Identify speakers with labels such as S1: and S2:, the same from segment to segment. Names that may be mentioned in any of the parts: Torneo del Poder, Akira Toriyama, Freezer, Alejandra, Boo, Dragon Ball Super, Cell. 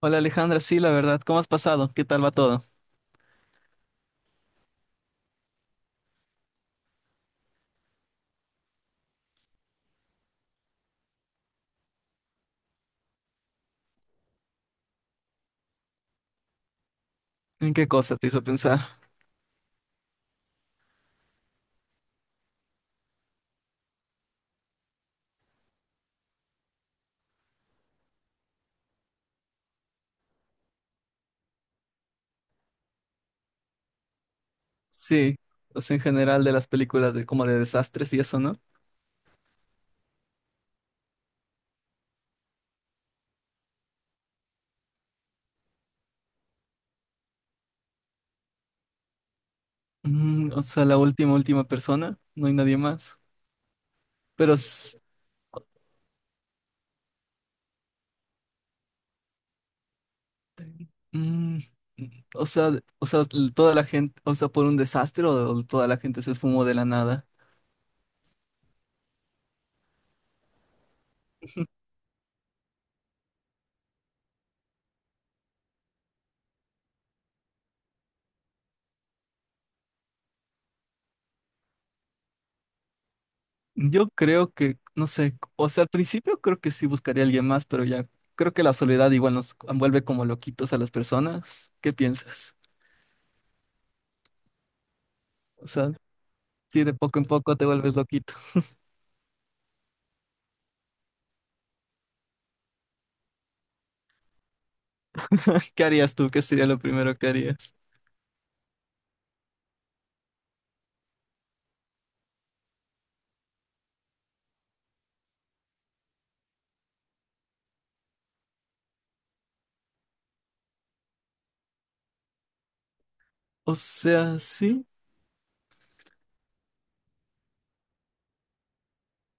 S1: Hola Alejandra, sí, la verdad, ¿cómo has pasado? ¿Qué tal va todo? ¿En qué cosa te hizo pensar? Sí, o sea, en general de las películas de como de desastres y eso, ¿no? Mm, o sea, la última, última persona, no hay nadie más. Pero, mm, o sea, o sea, toda la gente, o sea, por un desastre o toda la gente se esfumó de la nada. Yo creo que, no sé, o sea, al principio creo que sí buscaría a alguien más, pero ya creo que la soledad igual nos envuelve como loquitos a las personas. ¿Qué piensas? O sea, si de poco en poco te vuelves loquito. ¿Qué harías tú? ¿Qué sería lo primero que harías? O sea, sí,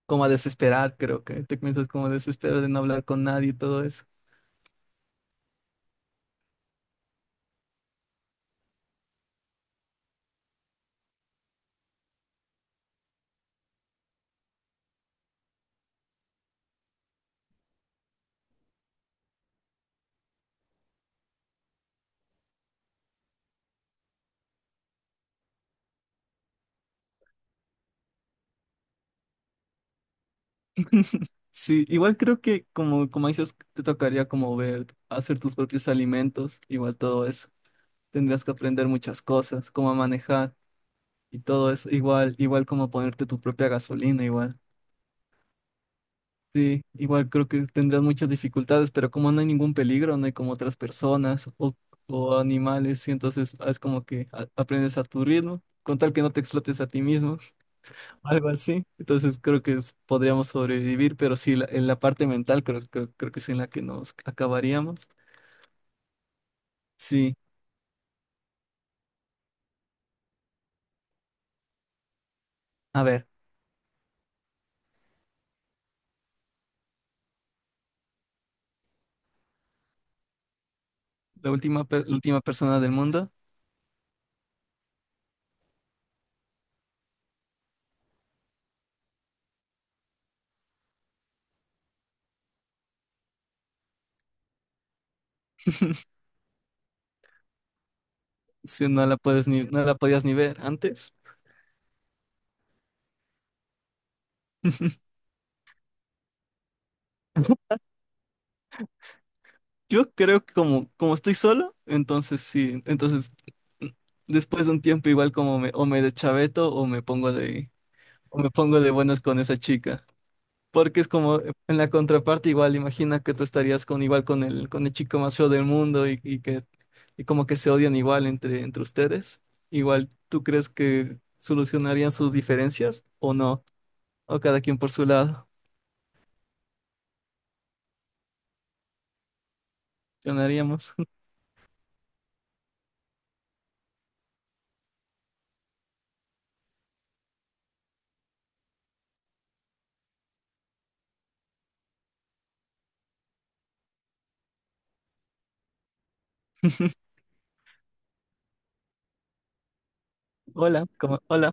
S1: como a desesperar, creo que te comienzas como a desesperar de no hablar con nadie y todo eso. Sí, igual creo que como, como dices, te tocaría como ver, hacer tus propios alimentos, igual todo eso. Tendrías que aprender muchas cosas, cómo manejar y todo eso, igual, igual como ponerte tu propia gasolina, igual. Sí, igual creo que tendrás muchas dificultades, pero como no hay ningún peligro, no hay como otras personas o animales, y entonces es como que aprendes a tu ritmo, con tal que no te explotes a ti mismo, algo así. Entonces creo que podríamos sobrevivir, pero sí, la, en la parte mental creo que es en la que nos acabaríamos. Sí, a ver, la última, la última persona del mundo, si no la puedes ni, no la podías ni ver antes. Yo creo que como, como estoy solo, entonces sí, entonces después de un tiempo igual como me, o me deschaveto o me pongo de, o me pongo de buenas con esa chica. Porque es como en la contraparte igual, imagina que tú estarías con igual con el chico más feo del mundo y que y como que se odian igual entre, entre ustedes. Igual, ¿tú crees que solucionarían sus diferencias o no? O cada quien por su lado. Solucionaríamos. Hola, como, hola.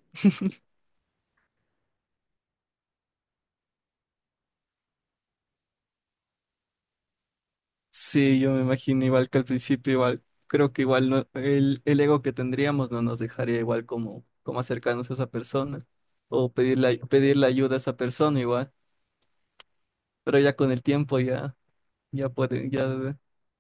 S1: Sí, yo me imagino igual que al principio, igual, creo que igual no, el ego que tendríamos no nos dejaría igual como, como acercarnos a esa persona o pedirle, pedirle ayuda a esa persona igual, pero ya con el tiempo ya, ya pueden, ya,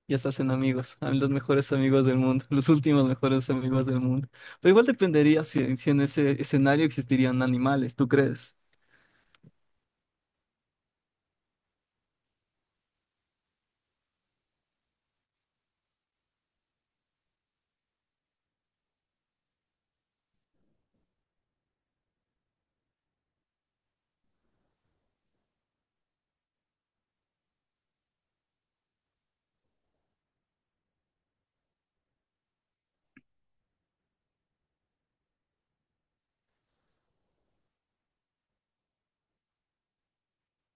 S1: ya se hacen amigos, mí los mejores amigos del mundo, los últimos mejores amigos del mundo. Pero igual dependería si, si en ese escenario existirían animales, ¿tú crees?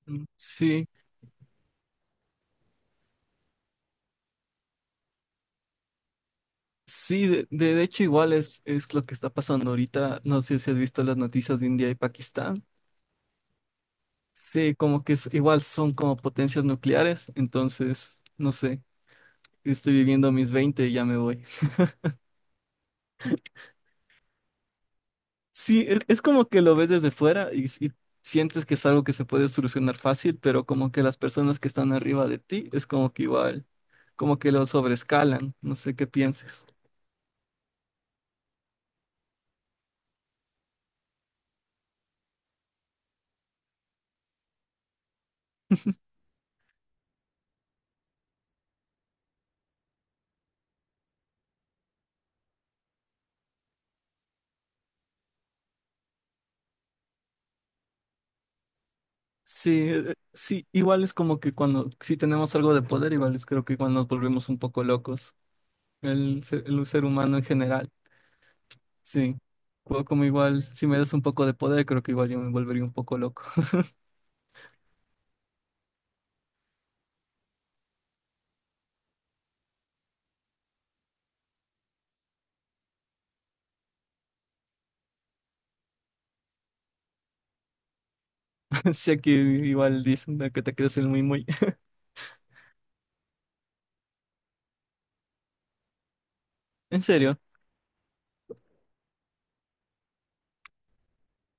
S1: Mm, sí, sí, de, de hecho igual es lo que está pasando ahorita. No sé si has visto las noticias de India y Pakistán. Sí, como que igual son como potencias nucleares, entonces, no sé, estoy viviendo mis 20 y ya me voy. Sí, es como que lo ves desde fuera y sientes que es algo que se puede solucionar fácil, pero como que las personas que están arriba de ti es como que igual, como que lo sobrescalan, no sé qué pienses. Sí, sí, igual es como que cuando, si tenemos algo de poder, igual es creo que igual nos volvemos un poco locos, el, el ser humano en general. Sí, o como igual, si me das un poco de poder, creo que igual yo me volvería un poco loco. Si aquí igual dicen de que te crees el muy muy. En serio,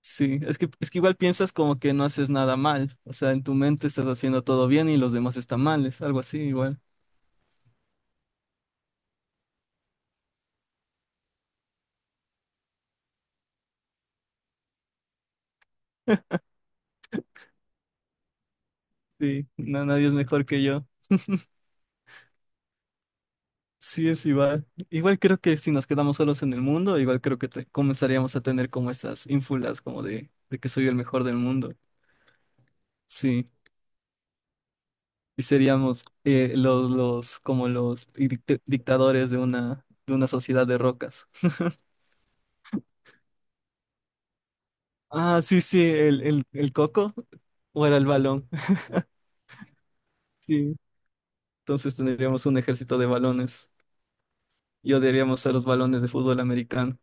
S1: sí, es que igual piensas como que no haces nada mal, o sea, en tu mente estás haciendo todo bien y los demás están mal, es algo así igual. Sí, no, nadie es mejor que yo. Sí, es igual. Igual creo que si nos quedamos solos en el mundo, igual creo que comenzaríamos a tener como esas ínfulas como de que soy el mejor del mundo. Sí. Y seríamos los, como los dictadores de una sociedad de rocas. Ah, sí, sí, el coco o era el balón. Sí. Entonces tendríamos un ejército de balones y odiaríamos a los balones de fútbol americano.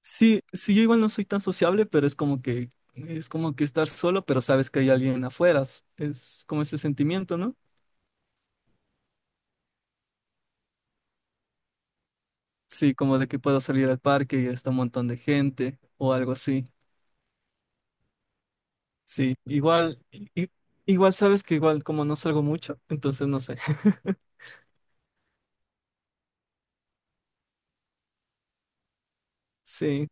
S1: Sí, sí, yo igual no soy tan sociable, pero es como que estar solo, pero sabes que hay alguien afuera. Es como ese sentimiento, ¿no? Sí, como de que puedo salir al parque y está un montón de gente o algo así. Sí, igual, i- igual sabes que igual como no salgo mucho, entonces no sé. Sí,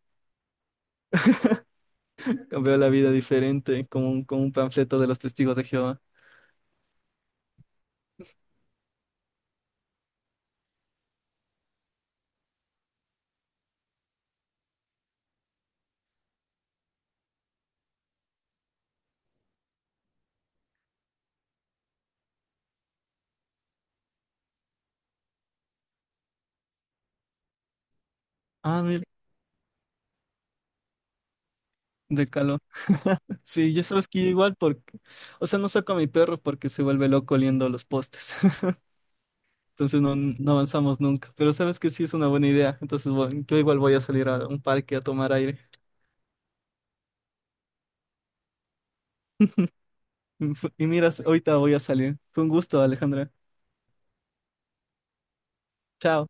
S1: veo la vida diferente, como un panfleto de los testigos de Jehová. Ah, mira, de calor. Sí, yo sabes que igual porque, o sea, no saco a mi perro porque se vuelve loco oliendo los postes. Entonces no, no avanzamos nunca. Pero sabes que sí es una buena idea. Entonces yo igual voy a salir a un parque a tomar aire. Y miras, ahorita voy a salir. Fue un gusto, Alejandra. Chao.